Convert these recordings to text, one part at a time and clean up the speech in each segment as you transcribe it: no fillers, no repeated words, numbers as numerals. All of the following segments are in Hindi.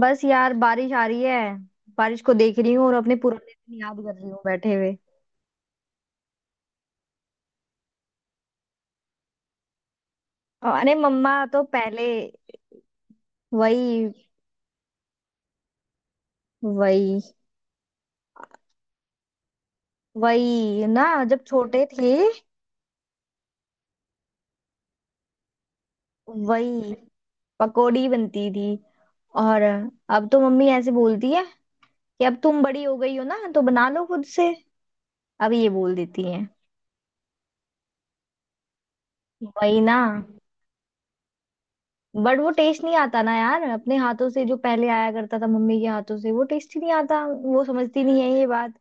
बस यार, बारिश आ रही है। बारिश को देख रही हूँ और अपने पुराने दिन याद कर रही हूँ बैठे हुए। अरे, मम्मा तो पहले। वही। वही। वही ना, जब छोटे थे। वही, पकोड़ी बनती थी। और अब तो मम्मी ऐसे बोलती है कि अब तुम बड़ी हो गई हो ना तो बना लो खुद से। अब ये बोल देती है। वही ना। बट वो टेस्ट नहीं आता ना यार, अपने हाथों से जो पहले आया करता था, मम्मी के हाथों से वो टेस्ट ही नहीं आता। वो समझती नहीं है ये बात।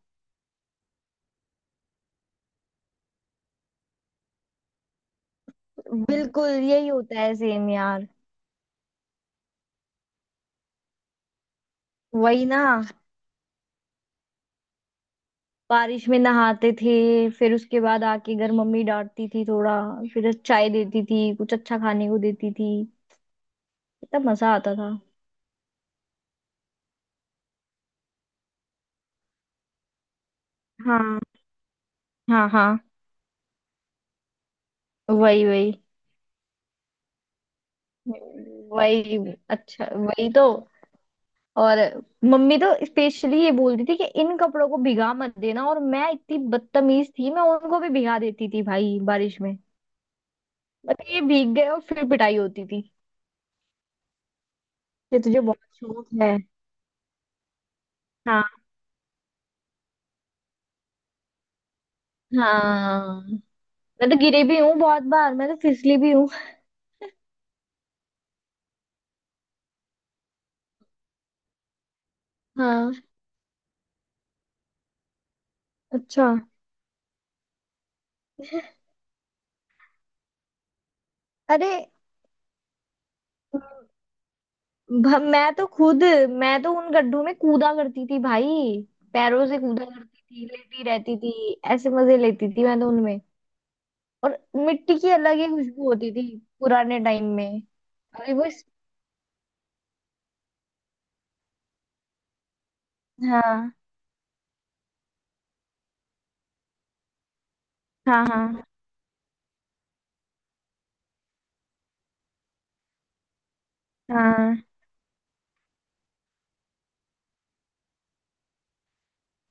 बिल्कुल यही होता है, सेम यार। वही ना। बारिश में नहाते थे, फिर उसके बाद आके घर मम्मी डांटती थी थोड़ा। फिर चाय देती थी, कुछ अच्छा खाने को देती थी। कितना मजा आता था। हाँ, हाँ, हाँ। वही, वही, वही। अच्छा, वही तो। और मम्मी तो स्पेशली ये बोलती थी कि इन कपड़ों को भिगा मत देना, और मैं इतनी बदतमीज थी, मैं उनको भी भिगा देती थी भाई बारिश में। मतलब ये भीग गए और फिर पिटाई होती थी कि तुझे बहुत शौक है। हाँ। हाँ। मैं तो गिरी भी हूँ बहुत बार, मैं तो फिसली भी हूँ। हाँ, अच्छा, अरे। मैं तो खुद। मैं तो उन गड्ढों में कूदा करती थी भाई। पैरों से कूदा करती थी, लेटी रहती थी। ऐसे मजे लेती थी मैं तो उनमें। और मिट्टी की अलग ही खुशबू होती थी पुराने टाइम में। अरे वो हाँ, हाँ, हाँ, हाँ।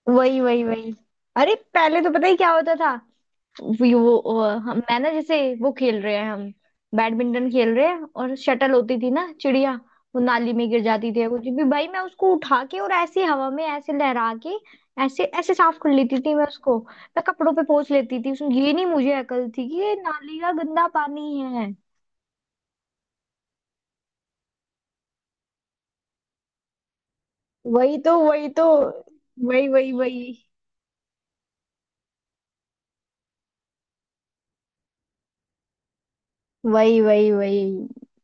वही, वही, वही। अरे, पहले तो पता ही क्या होता था। वी- वो वो- हम। मैं ना, जैसे वो खेल रहे हैं, हम बैडमिंटन खेल रहे हैं, और शटल होती थी ना, चिड़िया। वो नाली में गिर जाती थी या कुछ भी भाई, मैं उसको उठा के और ऐसे हवा में ऐसे लहरा के, ऐसे ऐसे साफ कर लेती थी मैं उसको। मैं कपड़ों पे पोंछ लेती थी उसमें। ये नहीं मुझे अकल थी कि ये नाली का गंदा पानी है। वही तो, वही तो। वही, वही, वही। वही, वही, वही।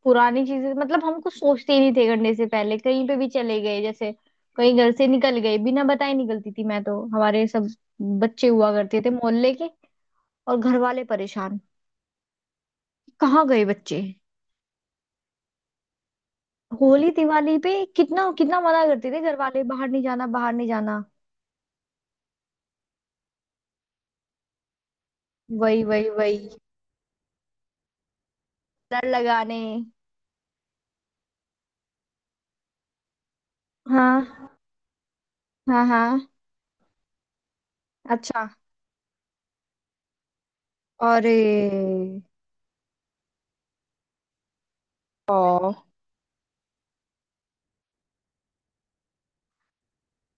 पुरानी चीजें, मतलब हम कुछ सोचते ही नहीं थे करने से पहले। कहीं पे भी चले गए जैसे, कहीं घर से निकल गए बिना बताए, निकलती थी मैं तो। हमारे सब बच्चे हुआ करते थे मोहल्ले के। और घर वाले परेशान, कहाँ गए बच्चे। होली दिवाली पे कितना कितना मना करते थे घर वाले, बाहर नहीं जाना, बाहर नहीं जाना। वही, वही, वही। डर लगाने। हाँ, हाँ, हाँ। अच्छा, अरे, ओ,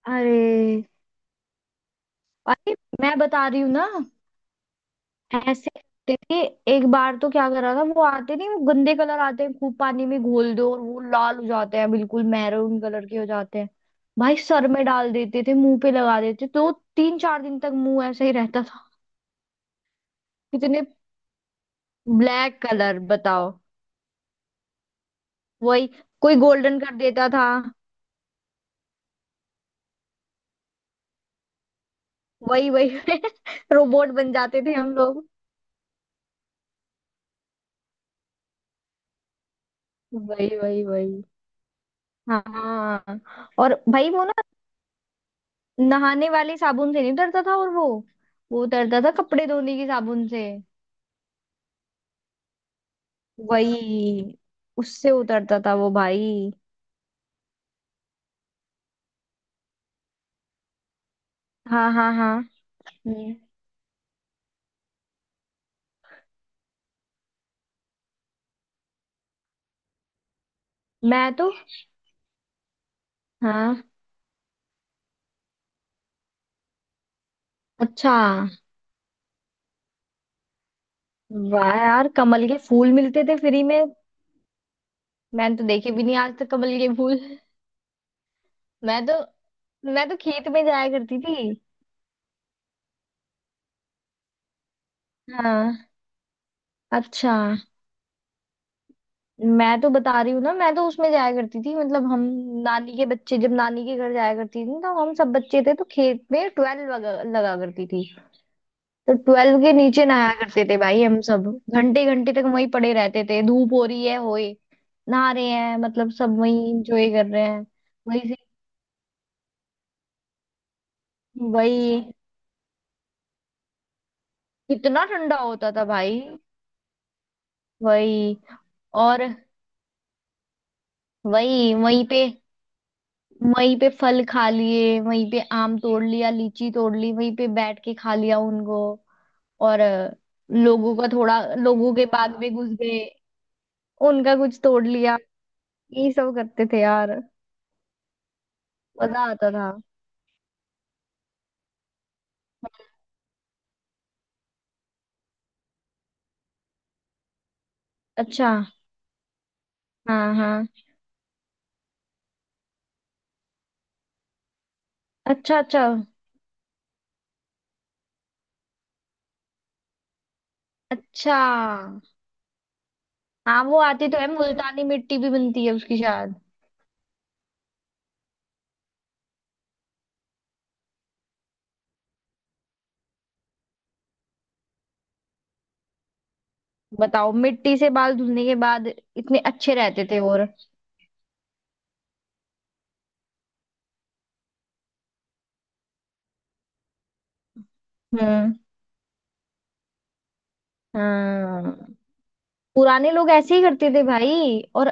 अरे, अरे। मैं बता रही हूँ ना, ऐसे करते थे। एक बार तो क्या करा था, वो आते नहीं, वो गंदे कलर आते हैं, खूब पानी में घोल दो और वो लाल हो जाते हैं, बिल्कुल मैरून कलर के हो जाते हैं। भाई सर में डाल देते थे, मुंह पे लगा देते तो 3 4 दिन तक मुंह ऐसे ही रहता था। इतने ब्लैक कलर, बताओ। वही। कोई गोल्डन कर देता था। वही, वही। रोबोट बन जाते थे हम लोग। वही, वही, वही। हाँ, हाँ। और भाई वो ना नहाने वाले साबुन से नहीं उतरता था, और वो। वो उतरता था कपड़े धोने की साबुन से। वही। उससे उतरता था वो भाई। हाँ, हाँ, हाँ। हम्म। मैं तो। हाँ, अच्छा। वाह यार, कमल के फूल मिलते थे फ्री में। मैंने तो देखे भी नहीं आज तक कमल के फूल। मैं तो। मैं तो खेत में जाया करती थी। हाँ, अच्छा। मैं तो बता रही हूँ ना, मैं तो उसमें जाया करती थी, मतलब हम नानी के बच्चे, जब नानी के घर जाया करती थी तो हम सब बच्चे थे तो खेत में ट्वेल्व लगा करती थी। तो ट्वेल्व के नीचे नहाया करते थे भाई हम सब। घंटे घंटे तक वहीं पड़े रहते थे, धूप हो रही है होए, नहा रहे हैं, मतलब सब वहीं इंजॉय कर रहे हैं। वही से। वही। कितना ठंडा होता था भाई। वही। और वही। वहीं पे, वहीं पे फल खा लिए, वहीं पे आम तोड़ लिया, लीची तोड़ ली, वहीं पे बैठ के खा लिया उनको। और लोगों का थोड़ा, लोगों के बाग में घुस गए, उनका कुछ तोड़ लिया। यही सब करते थे यार। मजा आता था। अच्छा, हाँ, हाँ। अच्छा, अच्छा, अच्छा। हाँ, वो आती तो है, मुल्तानी मिट्टी भी बनती है उसकी शायद। बताओ, मिट्टी से बाल धुलने के बाद इतने अच्छे रहते थे। और, हम्म, हाँ। पुराने लोग ऐसे ही करते थे भाई।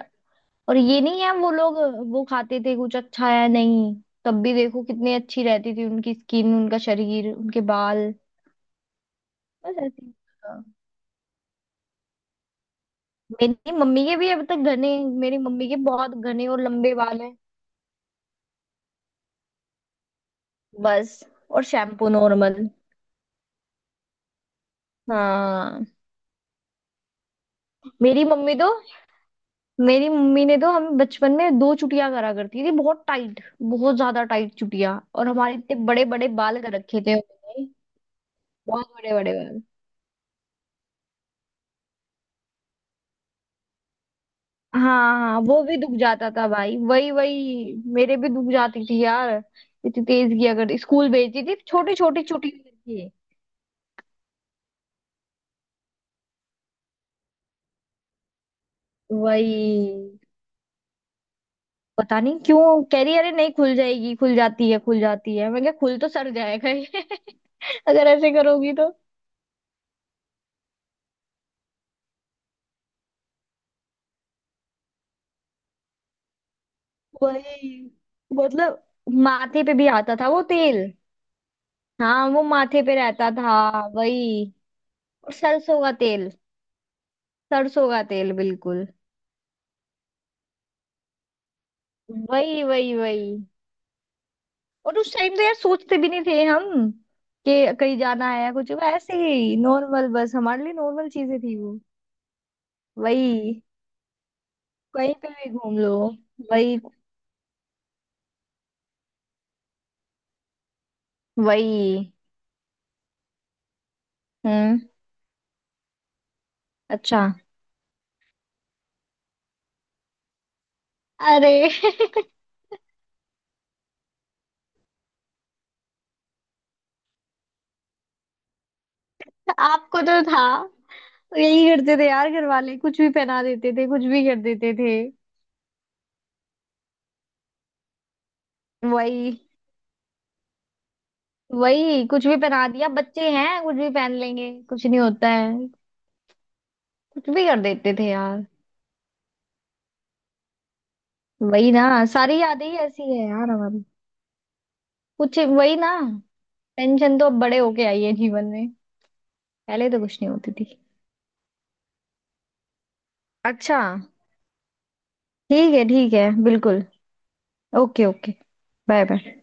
और ये नहीं है, वो लोग वो खाते थे कुछ अच्छा है नहीं, तब भी देखो कितनी अच्छी रहती थी उनकी स्किन, उनका शरीर, उनके बाल। बस ऐसे ही होता। मेरी मम्मी के भी अब तक घने। मेरी मम्मी के बहुत घने और लंबे बाल हैं। बस। और शैम्पू नॉर्मल। हाँ, मेरी मम्मी तो। मेरी मम्मी ने तो हम बचपन में 2 चुटिया करा करती थी, बहुत टाइट, बहुत ज्यादा टाइट चुटिया, और हमारे इतने बड़े बड़े बाल कर रखे थे उन्होंने। बहुत बड़े बड़े बाल। हाँ, हाँ, वो भी दुख जाता था भाई, वही वही, मेरे भी दुख जाती थी यार। इतनी तेज किया करती, स्कूल भेजती थी छोटी छोटी छोटी करके। वही, पता नहीं क्यों कह रही, अरे नहीं खुल जाएगी, खुल जाती है, खुल जाती है, मैं क्या, खुल तो सड़ जाएगा ये। अगर ऐसे करोगी तो। वही, मतलब। माथे पे भी आता था वो तेल। हाँ, वो माथे पे रहता था, वही। और सरसों का तेल, सरसों का तेल बिल्कुल। वही, वही, वही। और उस टाइम तो यार सोचते भी नहीं थे हम कि कहीं जाना है या कुछ। वो ऐसे ही नॉर्मल, बस हमारे लिए नॉर्मल चीजें थी वो। वही। कहीं पे भी घूम लो। वही, वही। हम्म। अच्छा, अरे। आपको तो था। यही करते थे यार, घर वाले कुछ भी पहना देते थे, कुछ भी कर देते थे। वही। वही, कुछ भी पहना दिया, बच्चे हैं, कुछ भी पहन लेंगे, कुछ नहीं होता है। कुछ भी कर देते थे यार। वही ना, सारी यादें ही ऐसी है यार हमारी। कुछ। वही ना। पेंशन तो अब बड़े होके आई है जीवन में। पहले तो कुछ नहीं होती थी। अच्छा, ठीक है, ठीक है, बिल्कुल। Okay, okay. Bye, bye.